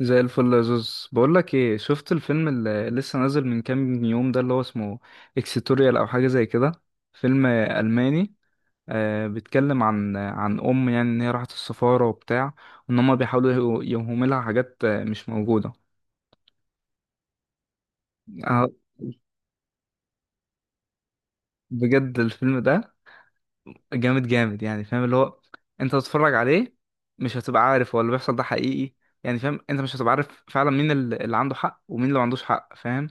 زي الفل يا زوز. بقول لك ايه، شفت الفيلم اللي لسه نازل من كام يوم ده؟ اللي هو اسمه اكسيتوريال او حاجه زي كده، فيلم الماني. بيتكلم عن يعني ان هي راحت السفاره وبتاع، وان هم بيحاولوا يوهموا لها حاجات مش موجوده. آه بجد الفيلم ده جامد جامد، يعني فاهم اللي هو انت تتفرج عليه مش هتبقى عارف هو اللي بيحصل ده حقيقي، يعني فاهم انت مش هتبقى عارف فعلا مين اللي عنده حق ومين اللي ما عندوش حق، فاهم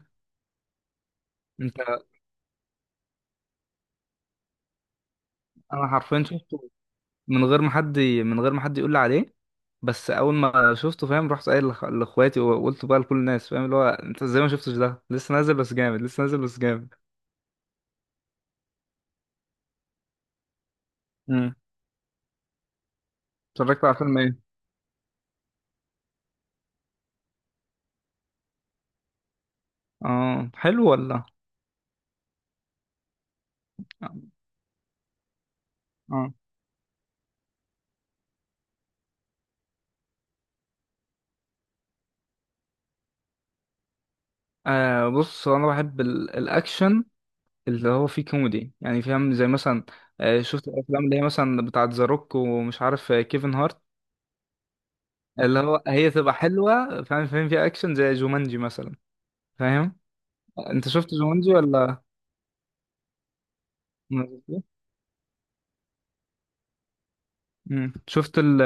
انت؟ انا حرفيا شفته من غير ما حد يقول لي عليه، بس اول ما شفته فاهم رحت قايل لاخواتي، وقلت بقى لكل الناس، فاهم اللي هو انت ازاي ما شفتش ده؟ لسه نازل بس جامد، لسه نازل بس جامد. امم اتفرجت على فيلم ايه؟ اه حلو ولا؟ اه. بص، هو انا بحب الاكشن اللي هو فيه كوميدي، يعني فاهم زي مثلا، شفت الافلام اللي هي مثلا بتاعه ذا روك ومش عارف كيفن هارت؟ اللي هو هي تبقى حلوه، فاهم فيها اكشن زي جومانجي مثلا، فاهم؟ انت شفت جومانجي ولا؟ مم. شفت ال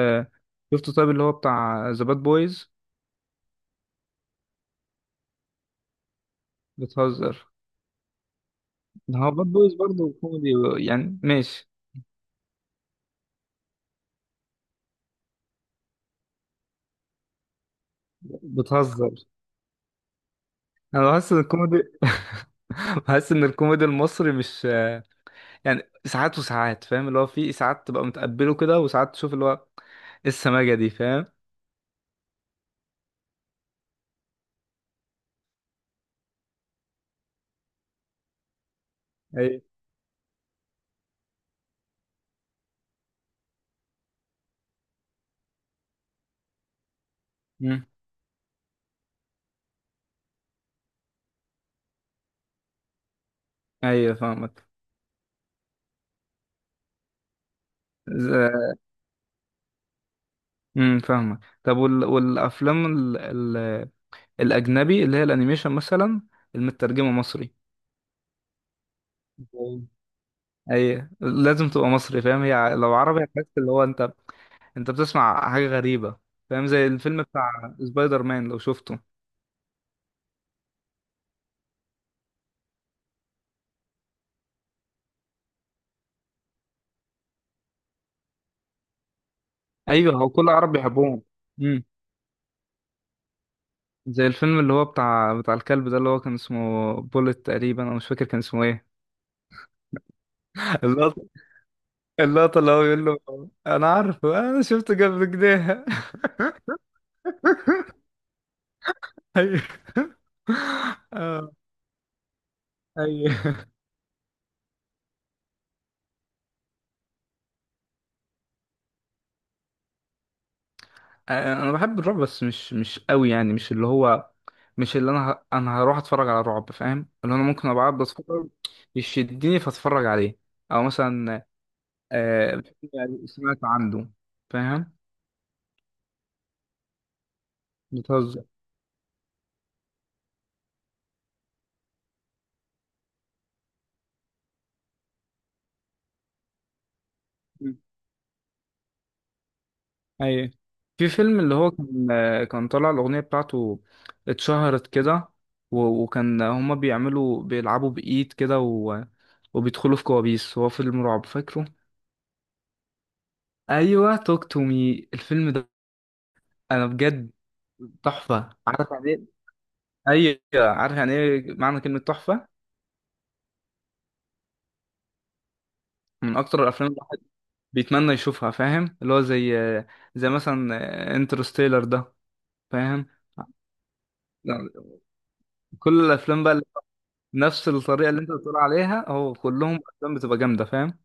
شفت طيب اللي هو بتاع ذا باد بويز؟ بتهزر. ده هو باد بويز برضه كوميدي، يعني ماشي. بتهزر. انا بحس ان الكوميدي بحس ان الكوميدي المصري مش، يعني ساعات وساعات، فاهم اللي هو في ساعات تبقى متقبله كده وساعات تشوف اللي هو إيه، السماجة دي، فاهم؟ ايوه. مم. ايوه فاهمك. ز- فاهمك. طب والافلام ال... الاجنبي اللي هي الانيميشن مثلا، المترجمه مصري؟ اي لازم تبقى مصري، فاهم، هي لو عربي هتحس اللي هو انت انت بتسمع حاجه غريبه، فاهم؟ زي الفيلم بتاع سبايدر مان لو شفته. ايوه هو كل العرب بيحبوهم. امم زي الفيلم اللي هو بتاع الكلب ده، اللي هو كان اسمه بولت تقريبا، انا مش فاكر كان اسمه ايه. اللقطه اللقطه اللي هو بيقول له، انا عارفه، انا شفته قبل كده. ايوه. آه، ايوه. انا بحب الرعب بس مش قوي، يعني مش اللي هو، مش اللي انا انا هروح اتفرج على رعب، فاهم، اللي انا ممكن ابقى قاعد بتفرج يشدني فاتفرج عليه، او مثلا آه يعني سمعت عنده، فاهم. بتهزر. مم. ايوه. في فيلم اللي هو كان طالع الاغنيه بتاعته، اتشهرت كده، و... وكان هما بيلعبوا بايد كده، وبيدخلوا في كوابيس، هو فيلم رعب، فاكره؟ ايوه توك تو مي، الفيلم ده انا بجد تحفه، عارف يعني ايه؟ ايوه عارف يعني ايه معنى كلمه تحفه. من اكتر الافلام اللي الواحد بيتمنى يشوفها، فاهم اللي هو زي مثلا انترستيلر ده، فاهم. لا، كل الافلام بقى نفس الطريقه اللي انت بتقول عليها، هو كلهم افلام بتبقى جامده، فاهم.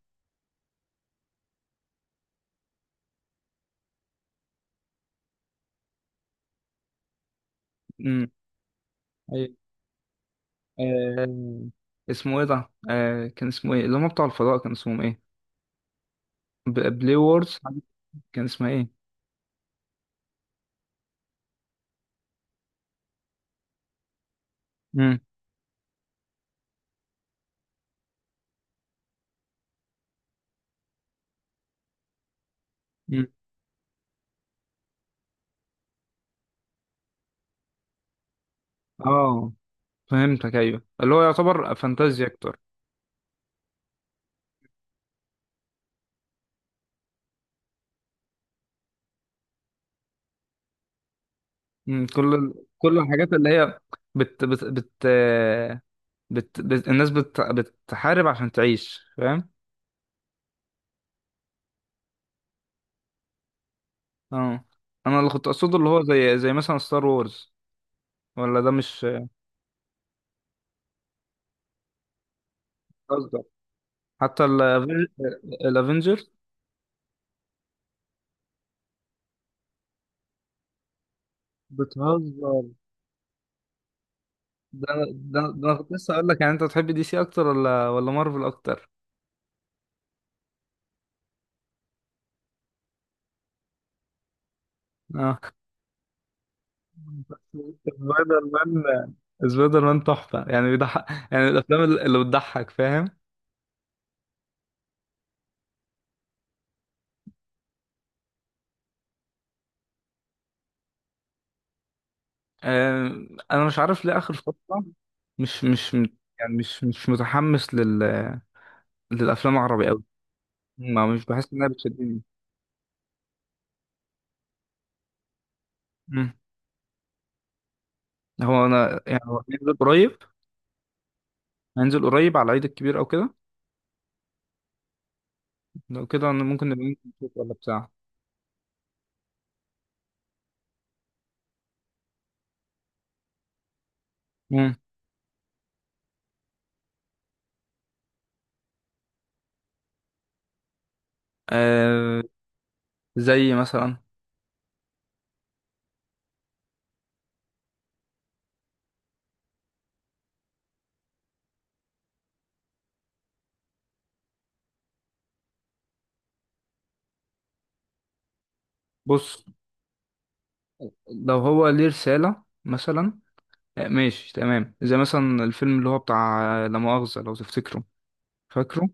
امم ايوه. آه، اسمه ايه ده؟ كان اسمه ايه اللي هم بتوع الفضاء، كان اسمهم ايه؟ بلاي وورز، كان اسمها ايه؟ امم امم اه فهمتك، ايوه اللي هو يعتبر فانتازيا. كل الحاجات اللي هي بت بت بت بت, بت الناس بتحارب عشان تعيش، فاهم. اه انا اللي كنت اقصده اللي هو زي مثلا ستار وورز، ولا ده مش قصدك؟ حتى الافنجر؟ بتهزر. ده ده انا كنت لسه اقول لك، يعني انت بتحب دي سي اكتر ولا مارفل اكتر؟ اه سبايدر مان. سبايدر مان تحفه يعني بيضحك، يعني الافلام اللي بتضحك، فاهم. آه، انا مش عارف ليه اخر فتره مش مش مت- يعني مش متحمس للأفلام العربي أوي، ما مش بحس إنها بتشدني. مم. هو أنا يعني هو هينزل قريب، هينزل قريب على العيد الكبير أو كده، لو كده أنا ممكن نبقى ننزل نشوف ولا بتاع. مم. آه، زي مثلا، بص لو هو ليه رسالة مثلا، آه ماشي تمام، زي مثلا الفيلم اللي هو بتاع لا مؤاخذة، لو تفتكره، فاكره؟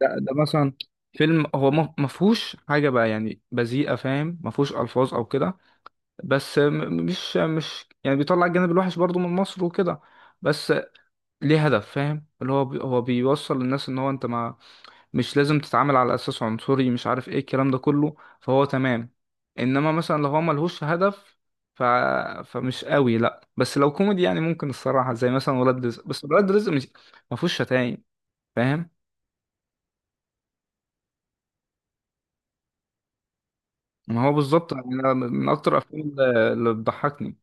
ده مثلا فيلم هو ما فيهوش حاجة بقى يعني بذيئة، فاهم، ما فيهوش ألفاظ أو كده، بس مش يعني بيطلع الجانب الوحش برضو من مصر وكده، بس ليه هدف، فاهم اللي هو هو بيوصل للناس ان هو انت ما، مش لازم تتعامل على اساس عنصري، مش عارف ايه الكلام ده كله، فهو تمام. انما مثلا لو هو ملهوش هدف ف... فمش قوي، لا بس لو كوميدي يعني ممكن الصراحة، زي مثلا ولاد رزق، بس ولاد رزق مش ما فيهوش شتايم، فاهم. ما هو بالظبط، يعني أنا من اكتر الافلام اللي بتضحكني.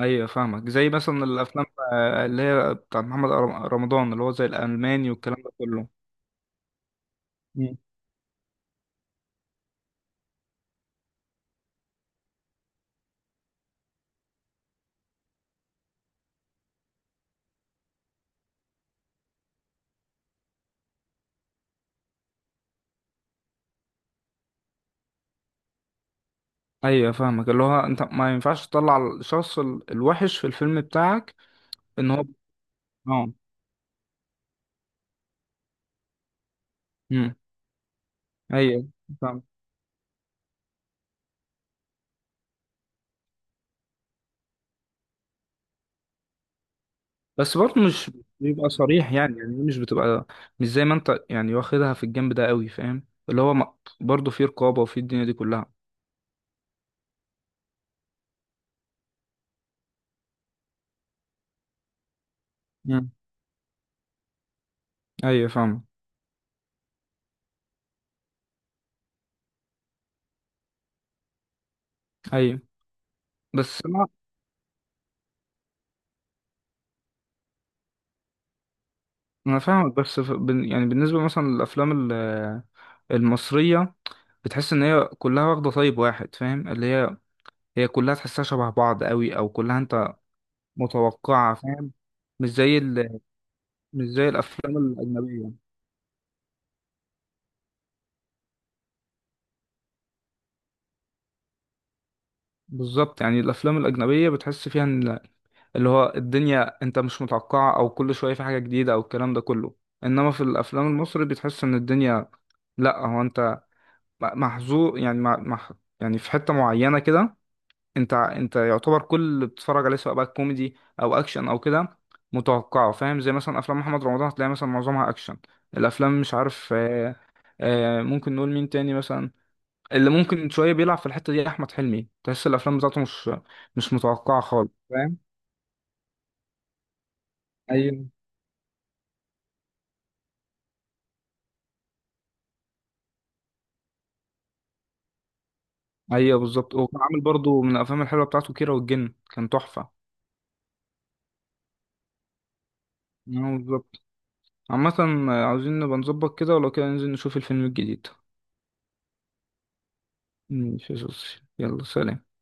ايوه فاهمك، زي مثلا الافلام اللي هي بتاع محمد رمضان، اللي هو زي الالماني والكلام ده كله. مم. ايوه فاهمك، اللي هو انت ما ينفعش تطلع الشخص الوحش في الفيلم بتاعك ان هو. اه. امم ايوه فاهم. بس برضه مش بيبقى صريح يعني مش بتبقى مش زي ما انت يعني واخدها في الجنب ده قوي، فاهم اللي هو برضه في رقابه وفي الدنيا دي كلها. مم. ايوه فاهمك. ايوه بس انا فاهمك، بس يعني بالنسبه مثلا للافلام المصريه، بتحس ان هي كلها واخده طيب واحد، فاهم، اللي هي كلها تحسها شبه بعض قوي او كلها انت متوقعه، فاهم. مش زي ال... مش زي الافلام الاجنبيه. بالظبط، يعني الافلام الاجنبيه بتحس فيها ان اللي هو الدنيا انت مش متوقعه، او كل شويه في حاجه جديده او الكلام ده كله. انما في الافلام المصري بتحس ان الدنيا، لا هو انت محظوظ يعني يعني في حته معينه كده. انت يعتبر كل اللي بتتفرج عليه سواء بقى كوميدي او اكشن او كده متوقعه، فاهم، زي مثلا افلام محمد رمضان هتلاقي مثلا معظمها اكشن، الافلام مش عارف ممكن نقول مين تاني مثلا اللي ممكن شويه بيلعب في الحته دي؟ احمد حلمي تحس الافلام بتاعته مش متوقعه خالص، فاهم. ايوه. ايوه بالظبط، وكان عامل برضو من الافلام الحلوه بتاعته كيرة والجن، كان تحفه. ايوه بالظبط. عامه عاوزين نبقى نظبط كده، ولو كده ننزل نشوف الفيلم الجديد. ماشي يا صوصي. يلا سلام.